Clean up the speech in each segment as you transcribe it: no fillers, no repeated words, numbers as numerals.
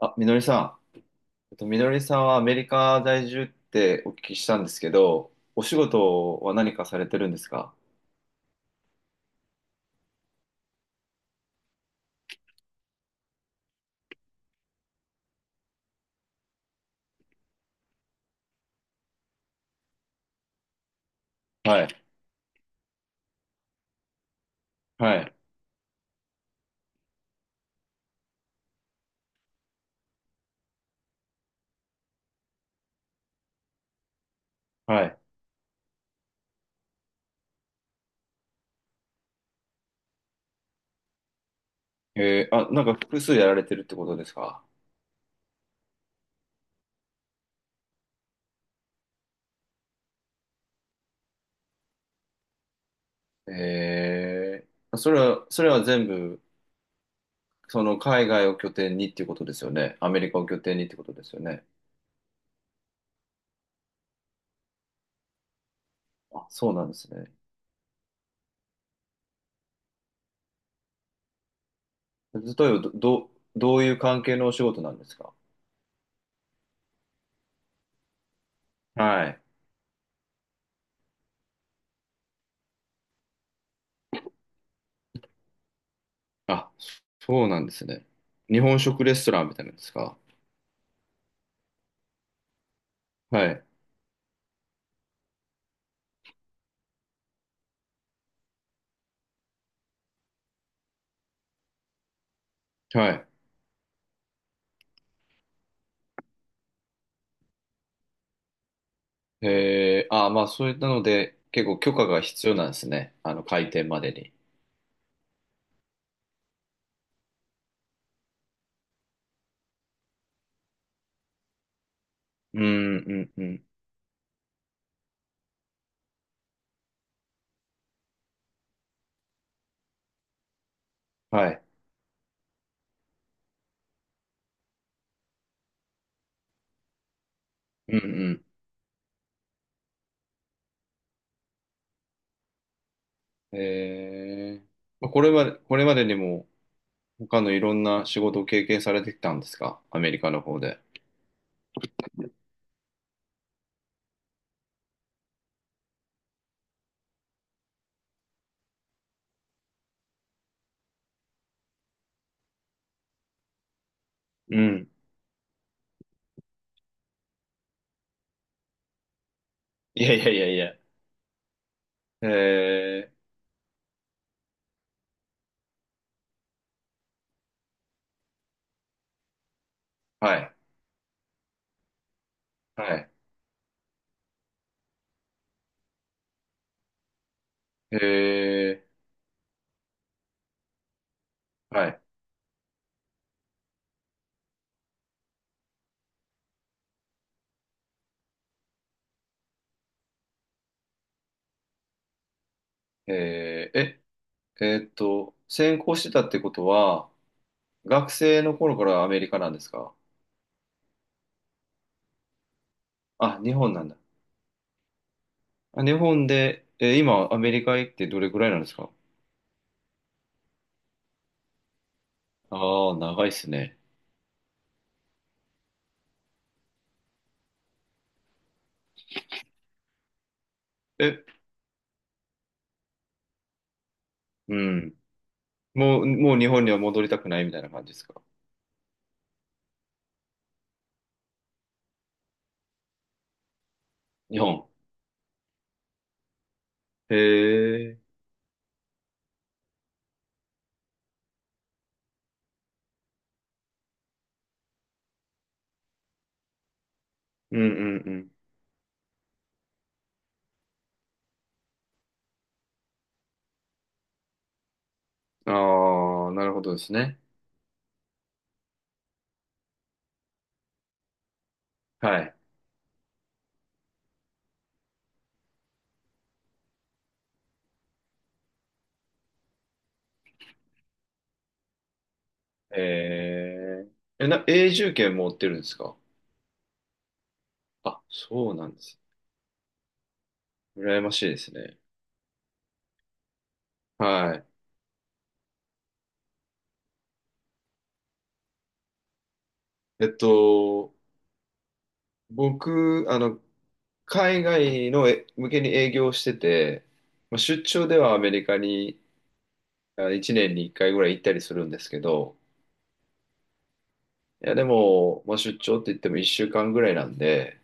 あ、みのりさん。みのりさんはアメリカ在住ってお聞きしたんですけど、お仕事は何かされてるんですか？はい。はい。はい。えー、あ、なんか複数やられてるってことですか？えー、それは、それは全部、その海外を拠点にっていうことですよね。アメリカを拠点にってことですよね。あ、そうなんですね。例えば、どういう関係のお仕事なんですか？はい。あ、そうなんですね。日本食レストランみたいなんですか？はい。はい。へえー、あー、まあそういったので、結構許可が必要なんですね。あの、開店までに。うん、うん、うん。はい。うん、うん。えー、まあこれは、これまでにも、他のいろんな仕事を経験されてきたんですか？アメリカの方で。うん。いやいやいやいや。えー、はい。はい。えー、はい。えー、え、専攻してたってことは、学生の頃からアメリカなんですか？あ、日本なんだ。あ日本で、えー今、アメリカ行ってどれくらいなんですか？ああー、長いっすね。え、うん。もう、もう日本には戻りたくないみたいな感じですか？日本。へえ。うんうんうん。ああ、なるほどですね。はい。へえ。え、永住権持ってるんですか？あ、そうなんです。羨ましいですね。はい。えっと、僕、あの、海外のえ向けに営業してて、まあ、出張ではアメリカにあ1年に1回ぐらい行ったりするんですけど、いやでも、まあ、出張って言っても1週間ぐらいなんで、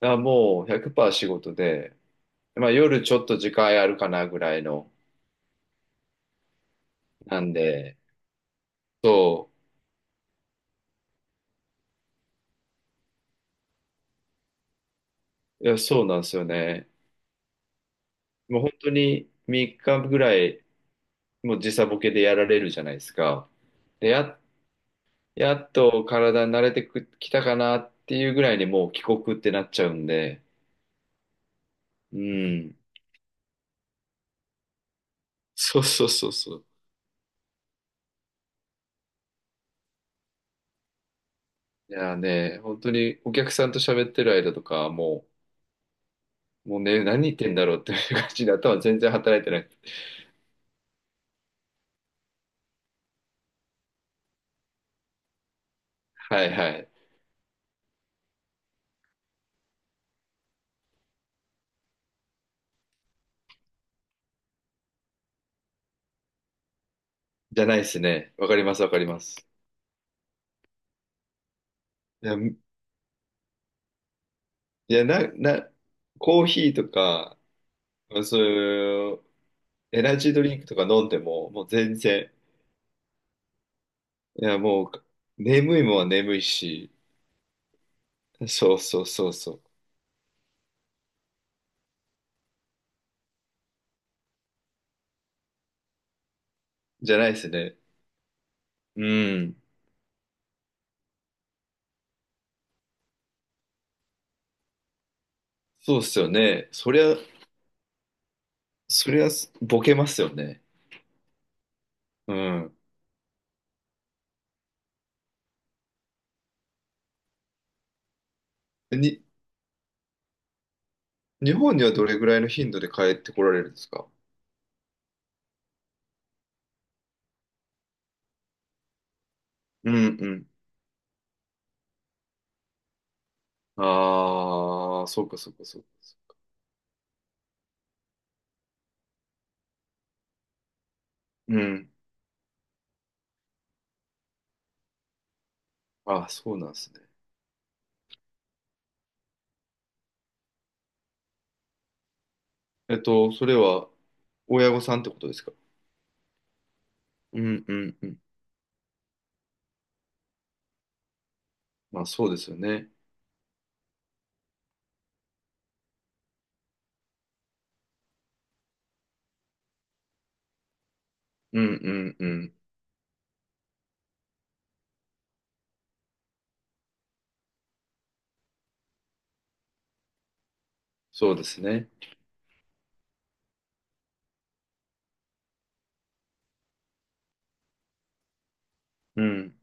だからもう100%仕事で、まあ、夜ちょっと時間あるかなぐらいの、なんで、そう、いやそうなんですよね。もう本当に3日ぐらい、もう時差ボケでやられるじゃないですか。で、やっと体に慣れてくきたかなっていうぐらいにもう帰国ってなっちゃうんで、うん、そうそうそうそう。いやーね、本当にお客さんと喋ってる間とか、もうね、何言ってんだろうっていう感じで頭全然働いてない。はいはい。じゃないですね。わかります、わかります。いや、いや、コーヒーとか、そういうエナジードリンクとか飲んでも、もう全然、いや、もう、眠いもんは眠いし、そうそうそうそう。じゃないですね。うん。そうっすよね。そりゃ、ボケますよね。うん。に日本にはどれぐらいの頻度で帰ってこられるんですか？うんうん。ああ、そうかそうかそうか。うん。あそうなんですね。えっと、それは親御さんってことですか？うんうんうん。まあそうですよね。うんうんうん。そうですね。うん。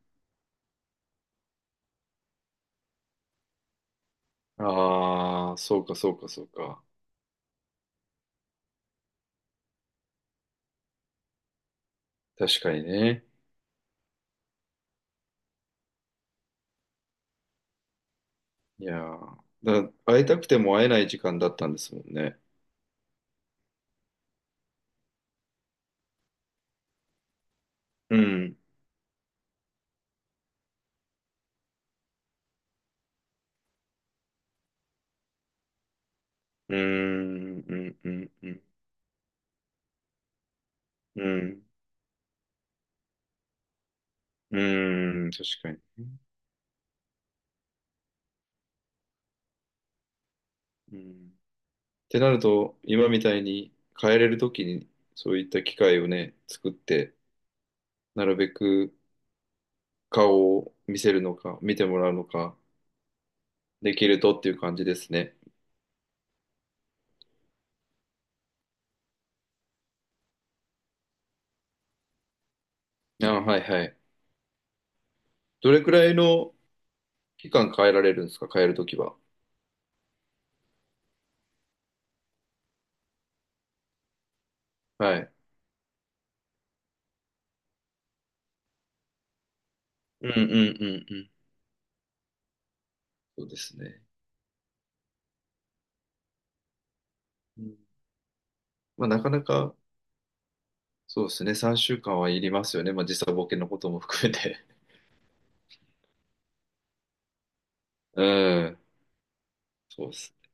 ああ、そうかそうかそうか。確かにね。いやーだから会いたくても会えない時間だったんですもんね。うん。うーん、うん、うん、うん。うん、うん、確かに。うん。ってなると、今みたいに変えれるときに、そういった機会をね、作って、なるべく顔を見せるのか、見てもらうのか、できるとっていう感じですね。あ、はいはい。どれくらいの期間変えられるんですか、変えるときは。はい。うんうんうんうん。そうですね。うんまあ、なかなか、そうですね、3週間はいりますよね。まあ、時差ボケのことも含めて。うん。そうですね